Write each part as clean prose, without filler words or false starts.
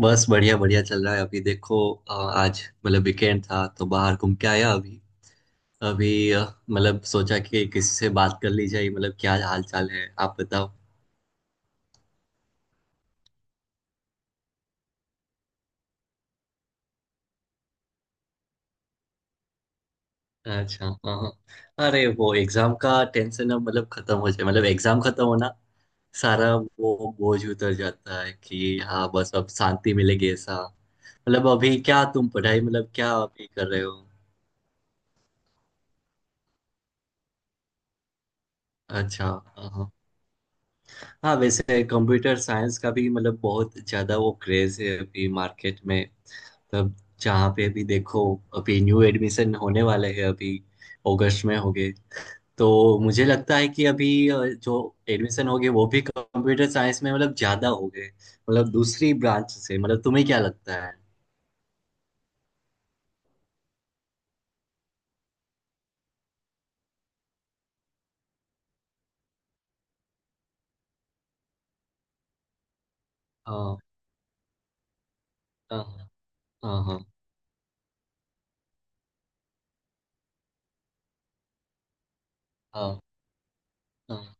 बस बढ़िया बढ़िया चल रहा है अभी देखो। आज मतलब वीकेंड था तो बाहर घूम के आया। अभी अभी मतलब सोचा कि किसी से बात कर ली जाए, मतलब क्या हाल चाल है? आप बताओ। अच्छा, हाँ हाँ। अरे वो एग्जाम का टेंशन अब मतलब खत्म हो जाए, मतलब एग्जाम खत्म होना, सारा वो बोझ उतर जाता है कि हाँ बस अब शांति मिलेगी, ऐसा। मतलब अभी क्या तुम पढ़ाई मतलब क्या अभी कर रहे हो? अच्छा हाँ, हाँ। हाँ, वैसे कंप्यूटर साइंस का भी मतलब बहुत ज्यादा वो क्रेज है अभी मार्केट में, मतलब जहाँ पे भी देखो। अभी न्यू एडमिशन होने वाले हैं, अभी अगस्त में होंगे। तो मुझे लगता है कि अभी जो एडमिशन होंगे वो भी कंप्यूटर साइंस में मतलब ज्यादा होंगे, मतलब दूसरी ब्रांच से। मतलब तुम्हें क्या लगता है? हाँ, हाँ, हाँ, हाँ, हाँ, हाँ,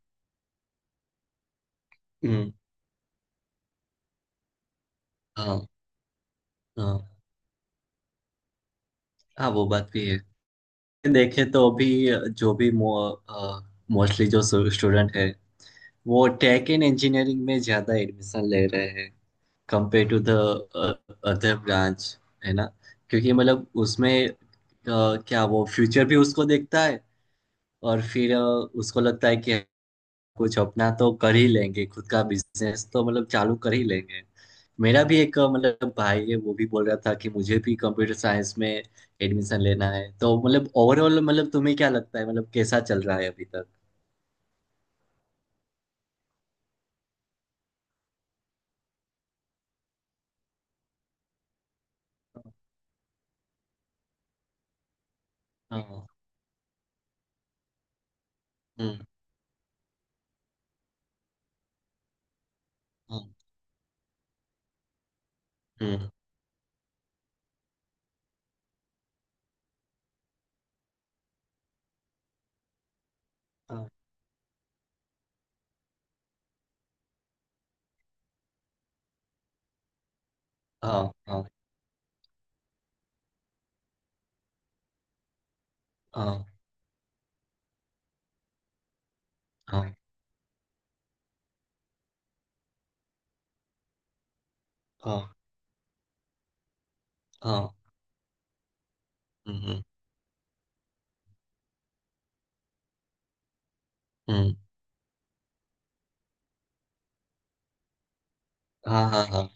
हम्म, हाँ, हाँ, हाँ, वो बात भी है। देखे तो अभी जो भी मोस्टली जो स्टूडेंट है वो टेक एंड इंजीनियरिंग में ज्यादा एडमिशन ले रहे हैं, compare to the other branch, है ना। क्योंकि मतलब उसमें क्या वो फ्यूचर भी उसको देखता है, और फिर उसको लगता है कि कुछ अपना तो कर ही लेंगे, खुद का बिजनेस तो मतलब चालू कर ही लेंगे। मेरा भी एक मतलब भाई है, वो भी बोल रहा था कि मुझे भी कंप्यूटर साइंस में एडमिशन लेना है। तो मतलब ओवरऑल मतलब तुम्हें क्या लगता है, मतलब कैसा चल रहा है अभी तक? हाँ, हम्म, हम्म, हम्म, हाँ, हाँ, हाँ, हाँ, हाँ, हाँ, हम्म, हम्म, हाँ, हाँ, हाँ,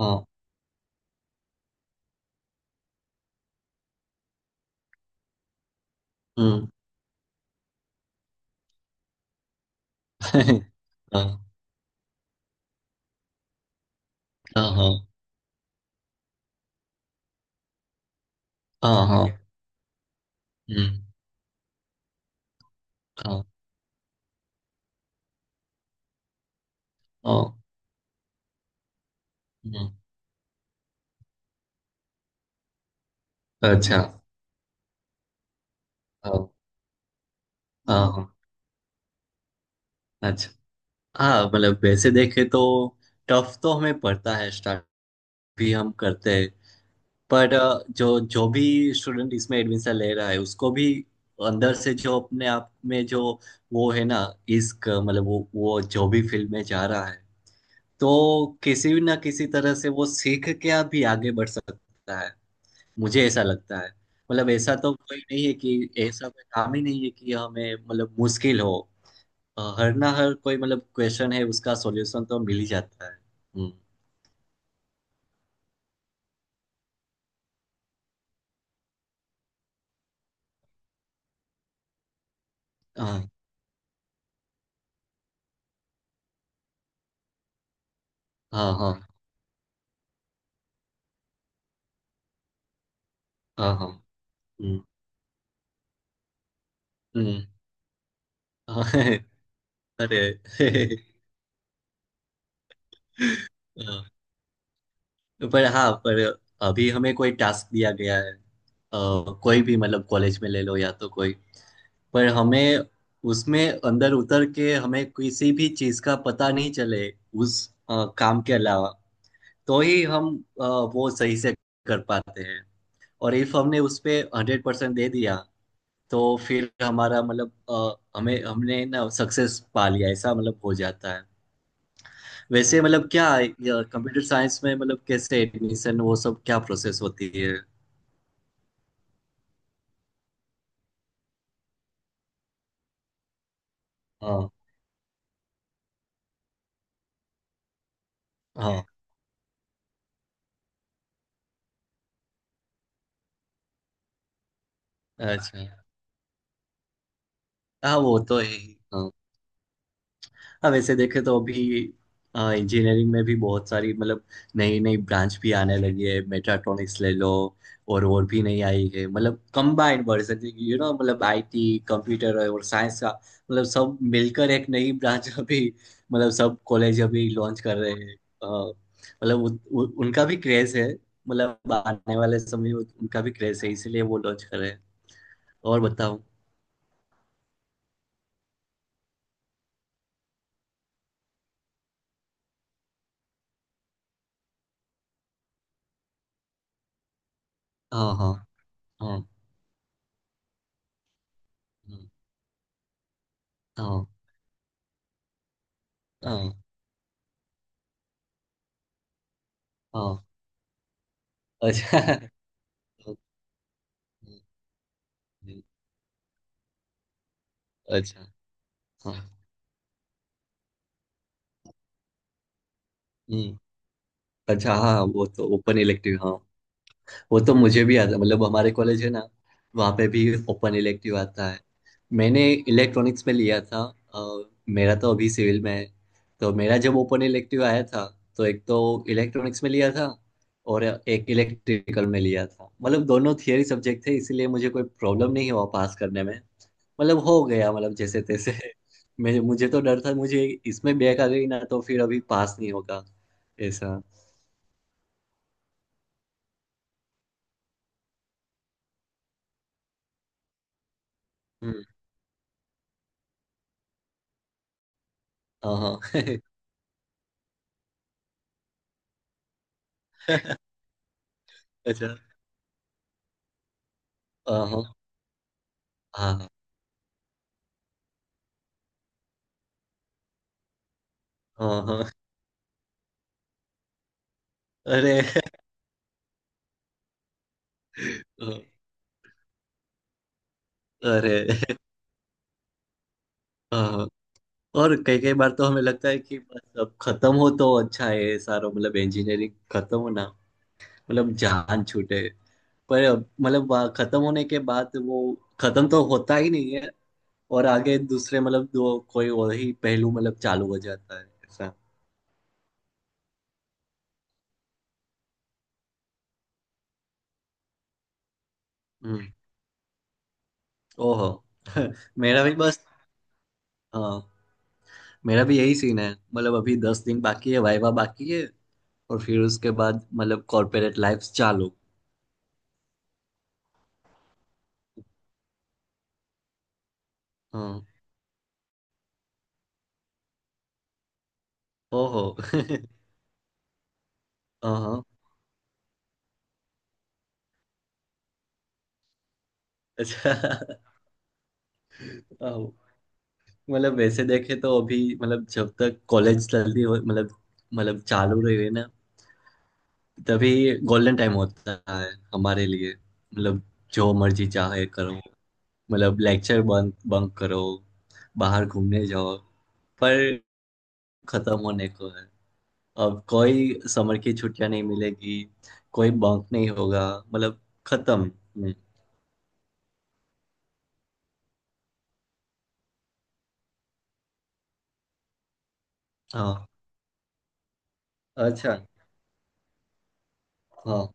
हाँ, हम्म, हाँ, हाँ, हाँ, हाँ, हाँ, हम्म, हाँ, हाँ, हम्म, अच्छा, हाँ, हाँ, हाँ, अच्छा। हाँ मतलब वैसे देखे तो टफ तो हमें पड़ता है, स्टार्ट भी हम करते हैं। पर जो जो भी स्टूडेंट इसमें एडमिशन ले रहा है उसको भी अंदर से जो अपने आप में जो वो है ना इश्क, मतलब वो जो भी फील्ड में जा रहा है, तो किसी भी ना किसी तरह से वो सीख के अभी आगे बढ़ सकता है, मुझे ऐसा लगता है। मतलब ऐसा तो कोई नहीं है कि ऐसा कोई काम ही नहीं है कि हमें मतलब मुश्किल हो। हर ना हर कोई मतलब क्वेश्चन है उसका सॉल्यूशन तो मिल ही जाता है। हाँ, हाँ, हाँ, हाँ, हाँ, हम्म, हम्म, हाँ, अरे, हाँ, पर हाँ, पर अभी हमें कोई टास्क दिया गया है। कोई भी मतलब कॉलेज में ले लो या तो कोई, पर हमें उसमें अंदर उतर के हमें किसी भी चीज का पता नहीं चले उस काम के अलावा, तो ही हम अ, वो सही से कर पाते हैं। और इफ हमने उस पे 100% दे दिया, तो फिर हमारा मतलब हमें हमने ना सक्सेस पा लिया, ऐसा मतलब हो जाता है। वैसे मतलब क्या कंप्यूटर साइंस में मतलब कैसे एडमिशन वो सब क्या प्रोसेस होती है? हाँ, हाँ, अच्छा, हाँ वो तो है ही हाँ। हाँ वैसे देखे तो अभी इंजीनियरिंग में भी बहुत सारी मतलब नई नई ब्रांच भी आने लगी है, मेट्राट्रॉनिक्स ले लो। और भी नई आई है, मतलब कंबाइंड वर्जन, मतलब आईटी कंप्यूटर और साइंस का मतलब सब मिलकर एक नई ब्रांच अभी मतलब सब कॉलेज अभी लॉन्च कर रहे हैं। अ, मतलब उनका भी क्रेज है, मतलब आने वाले समय में उनका भी क्रेज है इसीलिए वो लॉन्च कर रहे हैं। और बताओ? हाँ, हाँ, हाँ, हाँ, हाँ, हाँ, हाँ, अच्छा, हम्म, अच्छा, हाँ, हम्म, अच्छा, हाँ वो तो ओपन इलेक्टिव, हाँ। वो तो मुझे भी आता, मतलब हमारे कॉलेज है ना, वहाँ पे भी ओपन इलेक्टिव आता है। मैंने इलेक्ट्रॉनिक्स में लिया था। अ, मेरा तो अभी सिविल में है, तो मेरा जब ओपन इलेक्टिव आया था तो एक तो इलेक्ट्रॉनिक्स में लिया था और एक इलेक्ट्रिकल में लिया था, मतलब दोनों थियरी सब्जेक्ट थे इसीलिए मुझे कोई प्रॉब्लम नहीं हुआ पास करने में। मतलब हो गया मतलब जैसे तैसे। मैं मुझे तो डर था, मुझे इसमें बैक आ गई ना तो फिर अभी पास नहीं होगा, ऐसा। हम्म, हाँ, हाँ, अच्छा, हाँ हाँ। हाँ, हाँ, हाँ, अरे, अरे, हाँ, हाँ, और कई कई बार तो हमें लगता है कि बस अब खत्म हो तो अच्छा है, ये सारा मतलब इंजीनियरिंग खत्म हो ना, मतलब जान छूटे। पर अब मतलब वहाँ खत्म होने के बाद वो खत्म तो होता ही नहीं है, और आगे दूसरे मतलब दो कोई और ही पहलू मतलब चालू हो जाता है, ऐसा। हम्म, ओहो, मेरा भी बस, हाँ, मेरा भी यही सीन है, मतलब अभी 10 दिन बाकी है, वाइवा बाकी है, और फिर उसके बाद मतलब कॉर्पोरेट लाइफ चालू। हाँ, ओहो, हाँ, अच्छा, आओ। मतलब वैसे देखे तो अभी मतलब जब तक कॉलेज चलती हो, मतलब चालू रही है ना, तभी गोल्डन टाइम होता है हमारे लिए, मतलब जो मर्जी चाहे करो, मतलब लेक्चर बंक बंक करो, बाहर घूमने जाओ, पर खत्म होने को है। अब कोई समर की छुट्टियां नहीं मिलेगी, कोई बंक नहीं होगा, मतलब खत्म। हाँ, अच्छा, हाँ,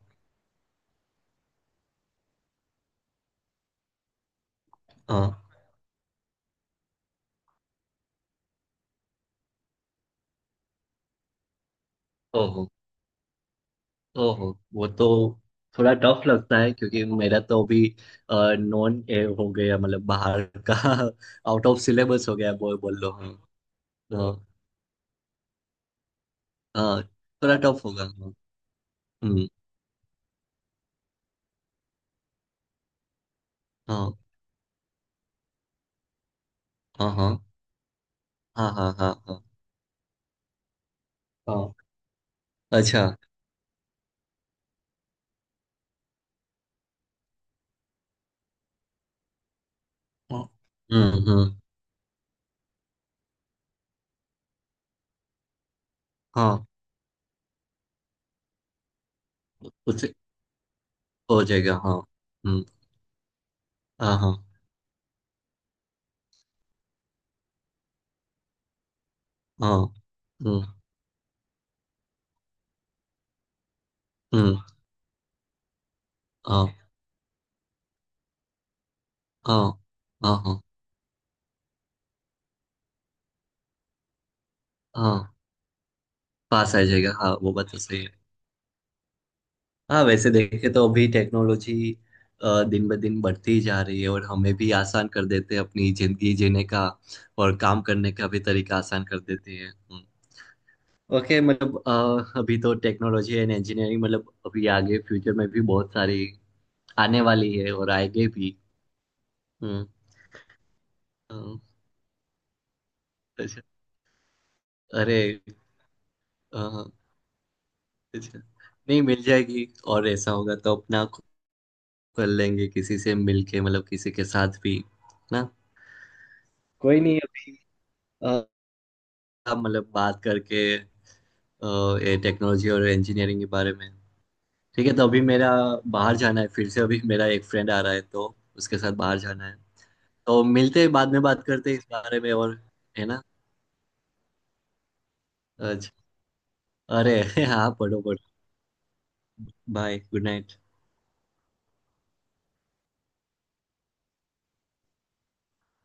हाँ, ओहो, ओहो, वो तो थोड़ा टफ लगता है क्योंकि मेरा तो अभी नॉन ए हो गया, मतलब बाहर का आउट ऑफ सिलेबस हो गया, बोल बोल लो हाँ। हाँ, हाँ, थोड़ा टफ होगा, हाँ। हम्म, हाँ, हाँ, हाँ, हाँ, हाँ, हाँ, हाँ, हाँ, अच्छा, हाँ, हम्म, हम्म, हाँ उसे हो जाएगा, हाँ, हम्म, हाँ, हाँ, हाँ, हम्म, हम्म, हाँ, हाँ, हाँ, हाँ, हाँ, पास आ जाएगा, हाँ वो बात तो सही है। हाँ वैसे देखे तो अभी टेक्नोलॉजी दिन ब दिन बढ़ती ही जा रही है, और हमें भी आसान कर देते हैं अपनी जिंदगी जीने का, और काम करने का भी तरीका आसान कर देती है। हम्म। ओके मतलब अभी तो टेक्नोलॉजी एंड इंजीनियरिंग मतलब अभी आगे फ्यूचर में भी बहुत सारी आने वाली है और आएंगे भी। हम्म, अ, अच्छा, अरे, अच्छा, नहीं मिल जाएगी, और ऐसा होगा तो अपना कर लेंगे, किसी से मिलके मतलब किसी के साथ भी, ना। कोई नहीं अभी, अ, अब मतलब बात करके अ, ये टेक्नोलॉजी और इंजीनियरिंग के बारे में, ठीक है। तो अभी मेरा बाहर जाना है, फिर से अभी मेरा एक फ्रेंड आ रहा है तो उसके साथ बाहर जाना है। तो मिलते हैं, बाद में बात करते हैं इस बारे में और, है ना। अच्छा, अरे, हाँ पढ़ो पढ़ो, बाय गुड नाइट।